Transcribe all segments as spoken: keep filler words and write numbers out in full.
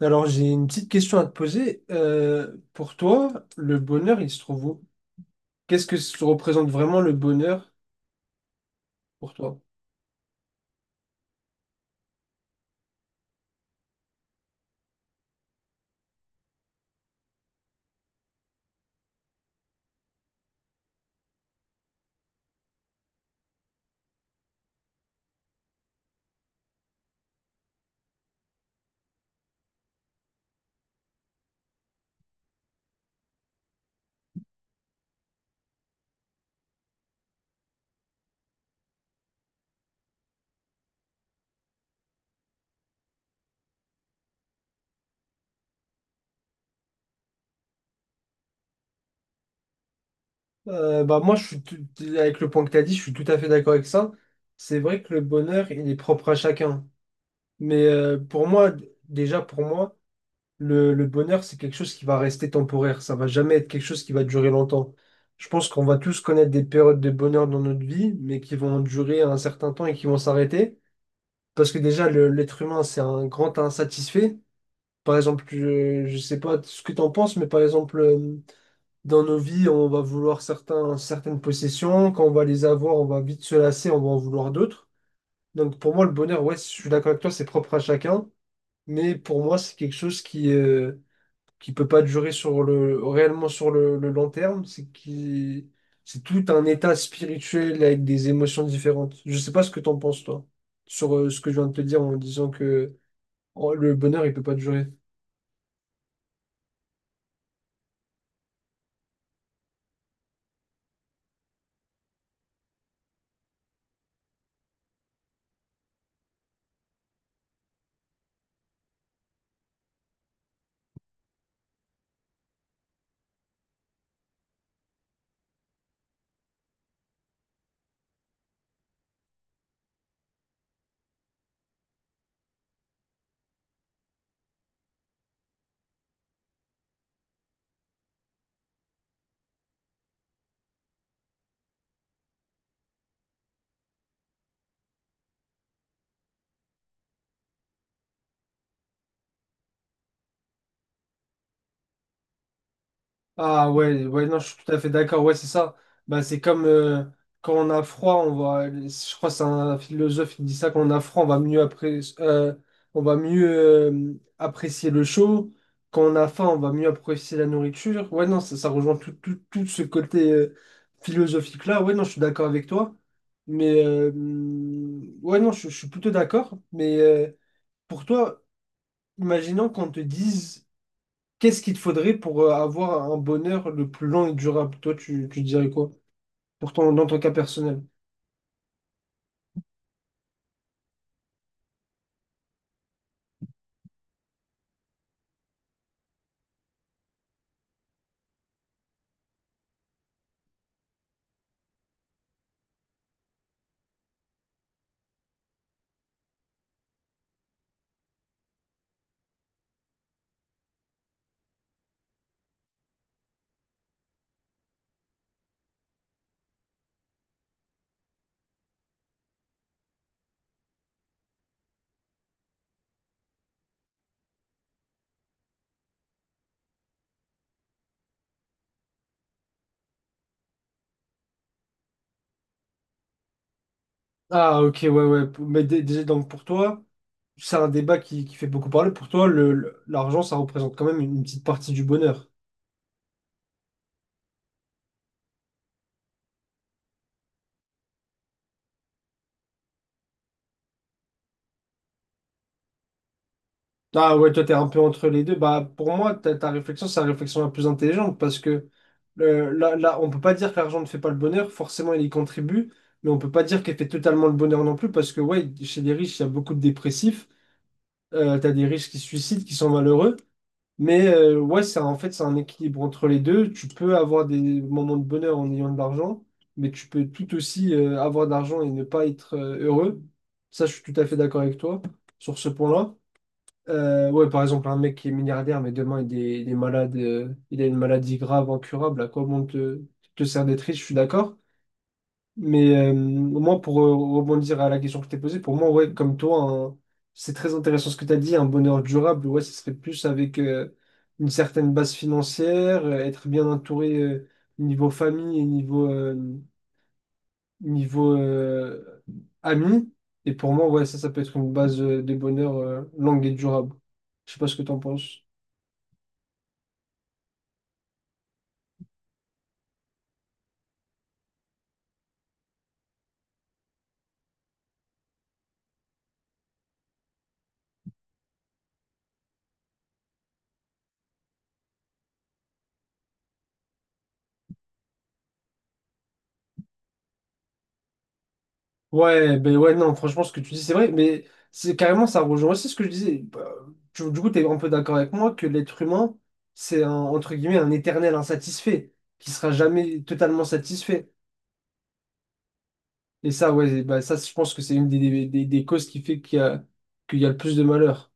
Alors, j'ai une petite question à te poser. Euh, pour toi, le bonheur, il se trouve où? Qu'est-ce que se représente vraiment le bonheur pour toi? Euh, bah moi, je suis tout- avec le point que tu as dit, je suis tout à fait d'accord avec ça. C'est vrai que le bonheur, il est propre à chacun. Mais euh, pour moi, déjà pour moi, Le, le bonheur, c'est quelque chose qui va rester temporaire. Ça va jamais être quelque chose qui va durer longtemps. Je pense qu'on va tous connaître des périodes de bonheur dans notre vie, mais qui vont durer un certain temps et qui vont s'arrêter. Parce que déjà, le- l'être humain, c'est un grand insatisfait. Par exemple, je, je sais pas ce que tu en penses, mais par exemple, euh, dans nos vies, on va vouloir certains, certaines possessions. Quand on va les avoir, on va vite se lasser, on va en vouloir d'autres. Donc pour moi, le bonheur, ouais, je suis d'accord avec toi, c'est propre à chacun. Mais pour moi, c'est quelque chose qui, euh, qui peut pas durer sur le, réellement sur le, le long terme, c'est qui, c'est tout un état spirituel avec des émotions différentes. Je sais pas ce que t'en penses, toi, sur euh, ce que je viens de te dire en disant que oh, le bonheur, il peut pas durer. Ah ouais, ouais, non, je suis tout à fait d'accord, ouais, c'est ça. Bah, c'est comme euh, quand on a froid, on va, je crois que c'est un philosophe qui dit ça, quand on a froid, on va mieux, appré- euh, on va mieux euh, apprécier le chaud. Quand on a faim, on va mieux apprécier la nourriture. Ouais, non, ça, ça rejoint tout, tout, tout ce côté euh, philosophique-là. Ouais, non, je suis d'accord avec toi. Mais euh, ouais, non, je, je suis plutôt d'accord. Mais euh, pour toi, imaginons qu'on te dise, qu'est-ce qu'il te faudrait pour euh, avoir un bonheur le plus long et durable? Toi, tu, tu dirais quoi? Pour ton, dans ton cas personnel. Ah, ok, ouais, ouais. Mais dé- déjà, donc pour toi, c'est un débat qui, qui fait beaucoup parler. Pour toi, le, le- l'argent, ça représente quand même une petite partie du bonheur. Ah ouais, toi, t'es un peu entre les deux. Bah, pour moi, ta, ta réflexion, c'est la réflexion la plus intelligente parce que euh, là, là, on peut pas dire que l'argent ne fait pas le bonheur. Forcément, il y contribue, mais on peut pas dire qu'il fait totalement le bonheur non plus parce que, ouais, chez les riches, il y a beaucoup de dépressifs. Euh, t'as des riches qui se suicident, qui sont malheureux. Mais euh, ouais, c'est en fait, c'est un équilibre entre les deux. Tu peux avoir des moments de bonheur en ayant de l'argent, mais tu peux tout aussi euh, avoir de l'argent et ne pas être euh, heureux. Ça, je suis tout à fait d'accord avec toi sur ce point-là. Euh, ouais, par exemple, un mec qui est milliardaire, mais demain, il est, il est malade, euh, il a une maladie grave, incurable, à quoi bon te, te sert d'être riche, je suis d'accord. Mais euh, moi, pour euh, rebondir à la question que je t'ai posée, pour moi, ouais, comme toi, un- c'est très intéressant ce que tu as dit, un bonheur durable, ouais, ce serait plus avec euh, une certaine base financière, euh, être bien entouré euh, niveau famille et niveau, euh, niveau euh, amis. Et pour moi, ouais, ça, ça peut être une base euh, de bonheur euh, longue et durable. Je sais pas ce que tu en penses. Ouais, ben ouais, non, franchement, ce que tu dis, c'est vrai, mais c'est carrément, ça rejoint aussi ce que je disais. Bah, tu- du coup, tu es un peu d'accord avec moi que l'être humain, c'est un, entre guillemets, un éternel insatisfait, qui sera jamais totalement satisfait. Et ça, ouais, bah, ça, je pense que c'est une des, des, des- des causes qui fait qu'il y a, qu'il y a le plus de malheur.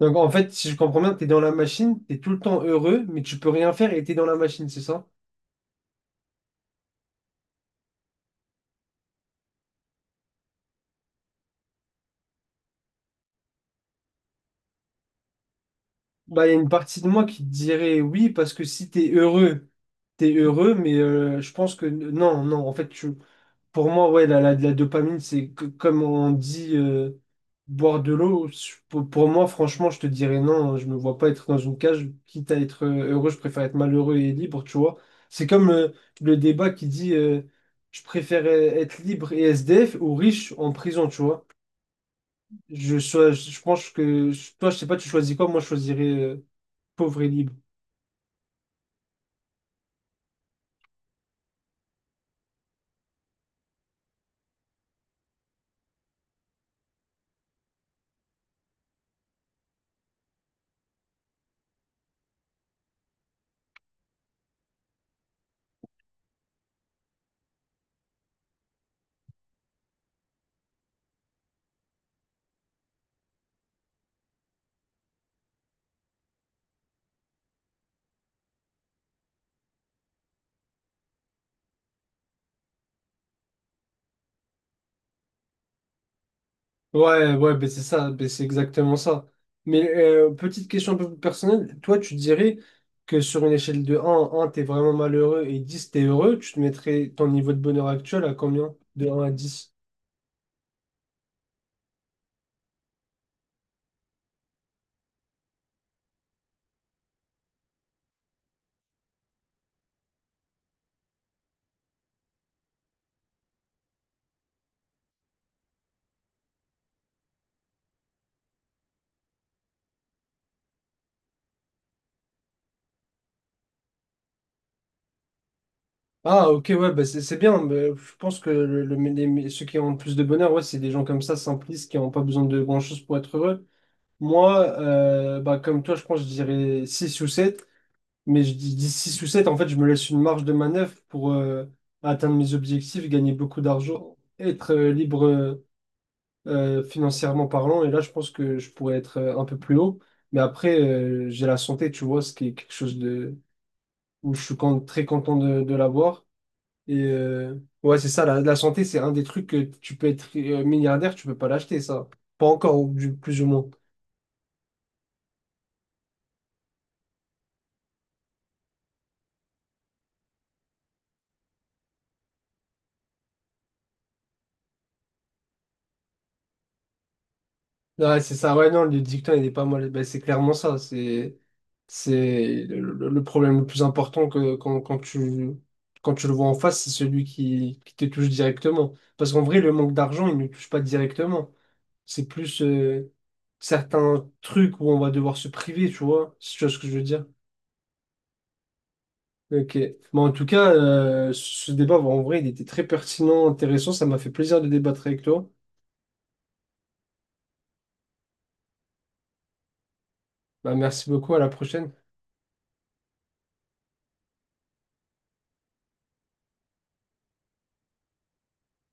Donc, en fait, si je comprends bien, tu es dans la machine, tu es tout le temps heureux, mais tu peux rien faire et tu es dans la machine, c'est ça? Bah, il y a une partie de moi qui te dirait oui, parce que si tu es heureux, t'es heureux, mais euh, je pense que n- non, non, en fait, tu, pour moi, ouais, la, la, la dopamine, c'est que- comme on dit euh, boire de l'eau. Je- Pour, pour moi, franchement, je te dirais non. hein, Je me vois pas être dans une cage. Quitte à être euh, heureux, je préfère être malheureux et libre, tu vois. C'est comme euh, le débat qui dit euh, je préfère euh, être libre et S D F ou riche en prison, tu vois. Je, sois- je, pense que toi, je sais pas, tu choisis quoi? Moi, je choisirais euh, pauvre et libre. Ouais, ouais, ben c'est ça, ben c'est exactement ça. Mais euh, petite question un peu plus personnelle, toi tu dirais que sur une échelle de 1 un, t'es vraiment malheureux et dix, t'es heureux, tu te mettrais ton niveau de bonheur actuel à combien? De un à dix. Ah ok, ouais, ben c'est c'est bien, ben, je pense que le, le- les- ceux qui ont le plus de bonheur, ouais, c'est des gens comme ça, simplistes, qui n'ont pas besoin de grand-chose pour être heureux. Moi, euh, bah, comme toi, je pense je dirais six ou sept. Mais je dis, dis six ou sept en fait, je me laisse une marge de manœuvre pour euh, atteindre mes objectifs, gagner beaucoup d'argent, être euh, libre euh, euh, financièrement parlant. Et là, je pense que je pourrais être euh, un peu plus haut. Mais après, euh, j'ai la santé, tu vois, ce qui est quelque chose de, où je suis quand- très content de, de l'avoir. Et euh, ouais, c'est ça, la, la santé, c'est un des trucs que tu peux être euh, milliardaire, tu peux pas l'acheter, ça. Pas encore, ou du- plus ou moins. Ouais, c'est ça, ouais, non, le dicton, il est pas mal. Ben, c'est clairement ça, c'est... C'est le, le- le problème le plus important que, quand, quand tu, quand tu le vois en face, c'est celui qui, qui te touche directement. Parce qu'en vrai, le manque d'argent, il ne touche pas directement. C'est plus euh, certains trucs où on va devoir se priver, tu vois. Si tu vois ce que je veux dire. Ok. Mais en tout cas, euh, ce débat, en vrai, il était très pertinent, intéressant. Ça m'a fait plaisir de débattre avec toi. Bah, merci beaucoup, à la prochaine.